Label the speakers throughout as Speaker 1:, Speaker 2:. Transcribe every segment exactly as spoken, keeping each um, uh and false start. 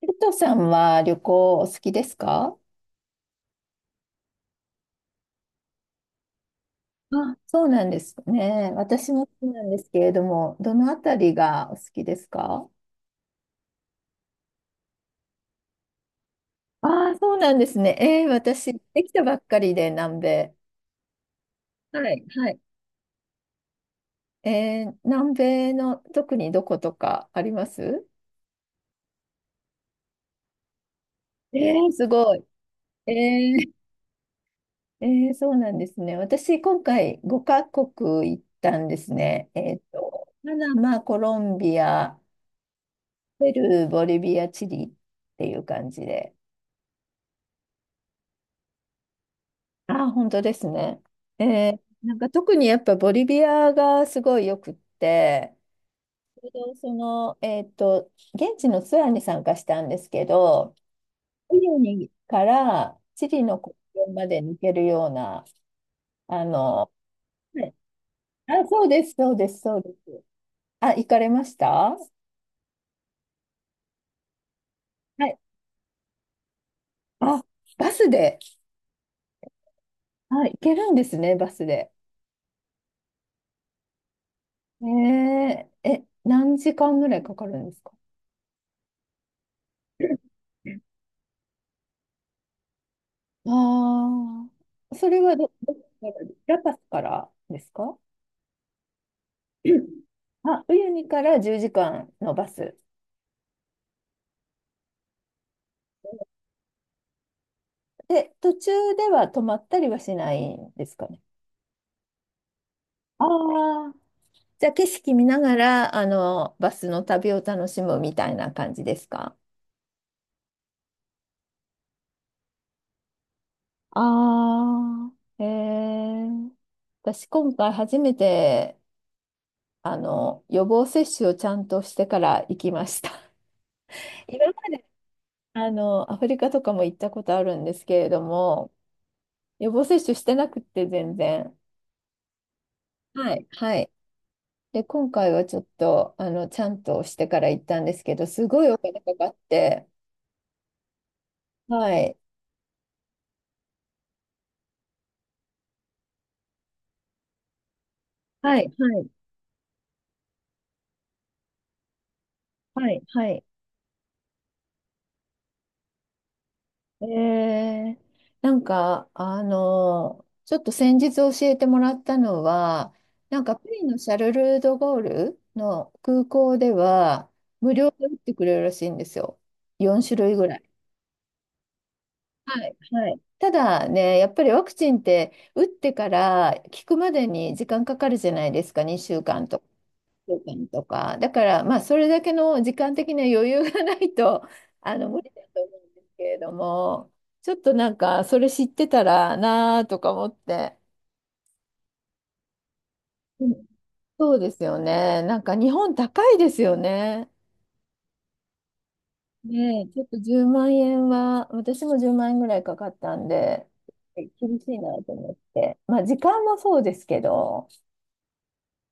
Speaker 1: ペッとさんは旅行お好きですか？あ、そうなんですね。私も好きなんですけれども、どのあたりがお好きですか？ああ、そうなんですね。えー、私、できたばっかりで南米。はい、はい。えー、南米の特にどことかあります？えー、すごい。えー、えー、そうなんですね。私、今回ごカ国行ったんですね。えっと、パナマ、コロンビア、ペルー、ボリビア、チリっていう感じで。あ、本当ですね。えーなんか特にやっぱボリビアがすごいよくって、ちょうどその、えっと、現地のツアーに参加したんですけど、チリにからチリの国境まで抜けるような、あの、はい。あ、そうです、そうです、そうです。あ、行かれました？はい。あ、バスで。あ、行けるんですね、バスで。えーえ、何時間ぐらいかかるんですか？ああ、それはど、どこから、ラパスからですか？うん、あ、ウユニからじゅうじかんのバス。で、途中では止まったりはしないんですかね。ああ。じゃあ景色見ながら、あの、バスの旅を楽しむみたいな感じですか？ああ、へえ。私、今回初めて、あの、予防接種をちゃんとしてから行きました。今まであの、アフリカとかも行ったことあるんですけれども、予防接種してなくって全然。はい、はい。で、今回はちょっと、あの、ちゃんとしてから行ったんですけど、すごいお金かかって、はい、はい、はい、はい、はい。えー、なんか、あの、ちょっと先日教えてもらったのは、なんか、パリのシャルル・ド・ゴールの空港では、無料で打ってくれるらしいんですよ。よん種類ぐらい。はい、はい。ただね、やっぱりワクチンって打ってから効くまでに時間かかるじゃないですか、にしゅうかんとか、週間とか。だから、まあ、それだけの時間的な余裕がないと、あの、無理だと思うんですけれども、ちょっとなんか、それ知ってたらなあとか思って。うん、そうですよね。なんか、日本高いですよね。ねえ、ちょっとじゅうまん円は、私もじゅうまん円ぐらいかかったんで、厳しいなと思って。まあ、時間もそうですけど、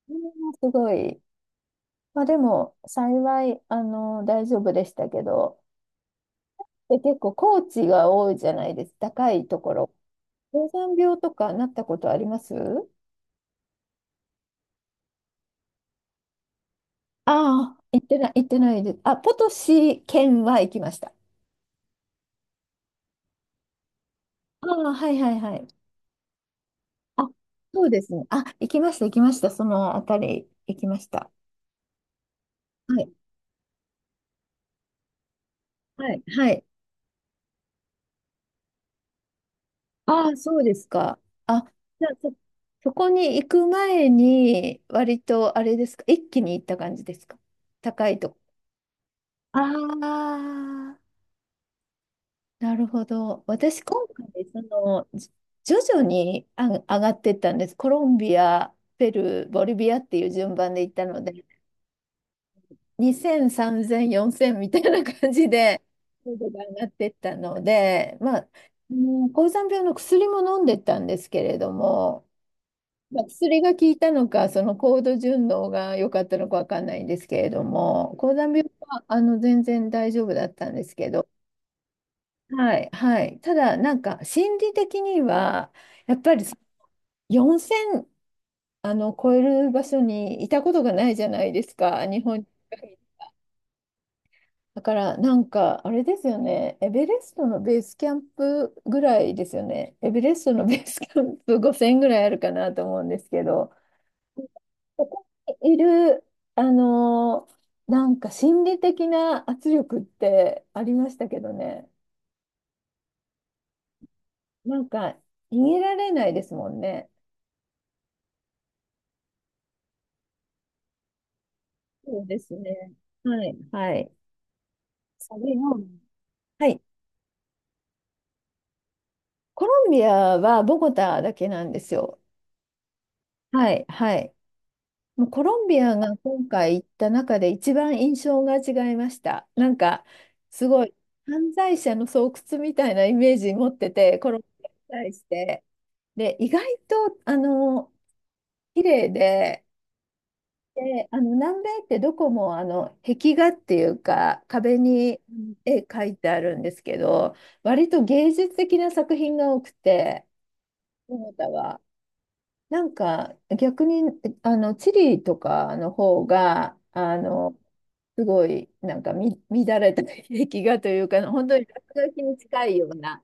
Speaker 1: それはすごい。まあ、でも、幸い、あの、大丈夫でしたけど、で、結構、高地が多いじゃないですか、高いところ。高山病とかなったことあります？ああ、行ってない、行ってないです。あ、ポトシ県は行きました。ああ、はいはいはい。あ、そうですね。あ、行きました、行きました。そのあたり行きました。はいはい、はい。ああ、そうですか。あ、じゃあそ、そこに行く前に、割とあれですか、一気に行った感じですか。高いとこ。ああ、なるほど。私、今回、その、じ徐々にあ上がってったんです。コロンビア、ペルー、ボリビアっていう順番で行ったので、にせん、さんぜん、よんせんみたいな感じで、高度が上がってったので、まあ、もう高山病の薬も飲んでったんですけれども、まあ、薬が効いたのか、その高度順応が良かったのかわかんないんですけれども、高山病はあの全然大丈夫だったんですけど、はい、はい、ただ、なんか心理的には、やっぱりよんせんあの超える場所にいたことがないじゃないですか、日本に。だから、なんかあれですよね、エベレストのベースキャンプぐらいですよね、エベレストのベースキャンプごせんぐらいあるかなと思うんですけど。ここにいる、あのーなんか心理的な圧力ってありましたけどね。なんか逃げられないですもんね。そうですね。はい。はい。それを、はい。コロンビアはボゴタだけなんですよ。はい。はい。もうコロンビアが今回行った中で一番印象が違いました。なんか、すごい犯罪者の巣窟みたいなイメージ持ってて、コロンビアに対して。で、意外と、あの、綺麗で、で、あの、南米ってどこも、あの、壁画っていうか、壁にうん絵描いてあるんですけど、割と芸術的な作品が多くて、トヨタは。なんか、逆に、あの、チリとかの方が、あの、すごい、なんかみ、乱れた壁画というか、本当に落書きに近いような。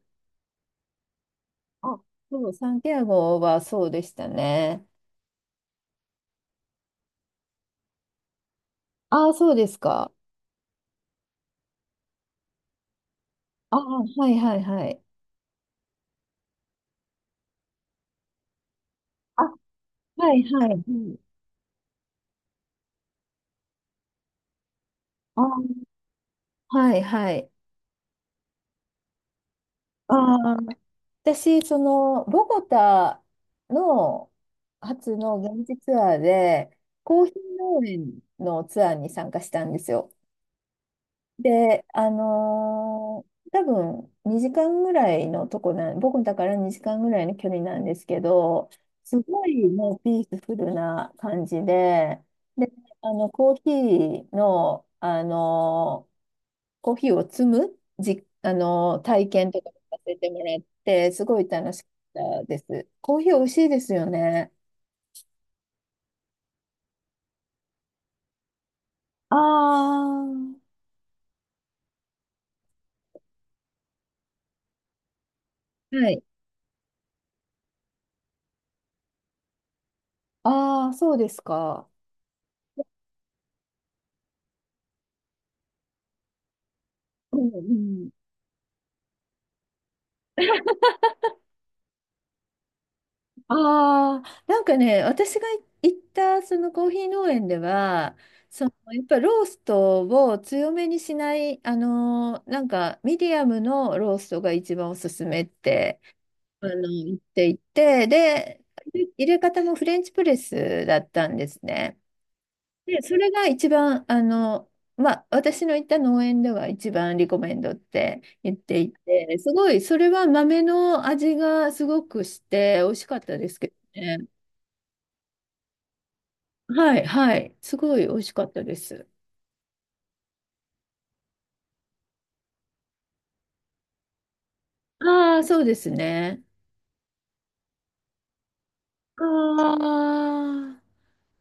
Speaker 1: あ、そう、サンティアゴはそうでしたね。ああ、そうですか。ああ、はいはいはい。あ、はいはい。うん、あ、はいはい。ああ、私、その、ボゴタの初の現地ツアーで、コーヒー農園のツアーに参加したんですよ。で、あのー多分にじかんぐらいのとこなん、ボゴタからにじかんぐらいの距離なんですけど、すごいもうピースフルな感じで、で、あの、コーヒーの、あのコーヒーを摘むじ、あの、体験とかもさせてもらって、すごい楽しかったです。コーヒー美味しいですよね。ああ、はい。ああ、そうですか。うんうん、ああ、なんかね、私が行ったそのコーヒー農園では、そのやっぱローストを強めにしない、あのーなんかミディアムのローストが一番おすすめってあの、行っていて、で、入れ方もフレンチプレスだったんですね。で、それが一番、あの、まあ、私の行った農園では一番リコメンドって言っていて、すごい、それは豆の味がすごくして、美味しかったですけどね。はい、はい、すごい美味しかったです。ああ、そうですね。ああ、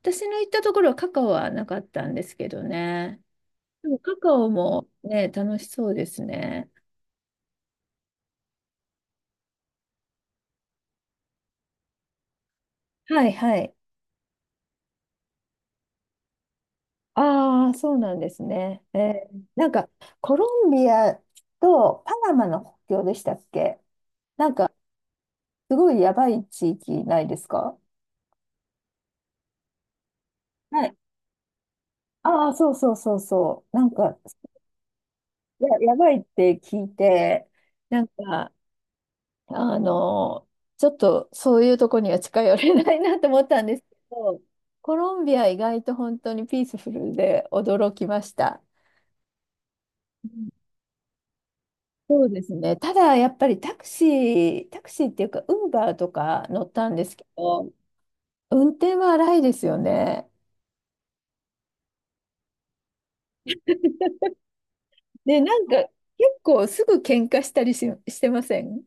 Speaker 1: 私の行ったところはカカオはなかったんですけどね。でもカカオもね、楽しそうですね。はいはい。ああ、そうなんですね。えーなんか、コロンビアとパナマの国境でしたっけ？なんか、すごいやばい地域ないですか？はい。ああ、そうそうそうそう。なんか、や、やばいって聞いて、なんか、あの、ちょっとそういうとこには近寄れないなと思ったんですけど、コロンビア意外と本当にピースフルで驚きました。そうですね。ただ、やっぱりタクシー、タクシーっていうか、ウーバーとか乗ったんですけど、運転は荒いですよね。で、なんか、結構すぐ喧嘩したりし、してません？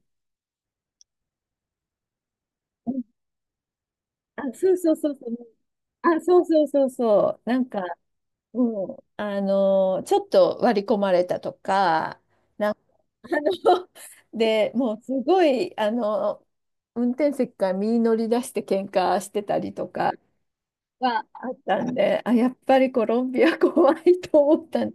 Speaker 1: うん、あ、そうそうそうそう。あ、そうそうそうそう。なんか、うん、あの、ちょっと割り込まれたとか、あの、で、もうすごい、あの、運転席から身乗り出して喧嘩してたりとか、はあったんで、あ、やっぱりコロンビア怖いと思ったん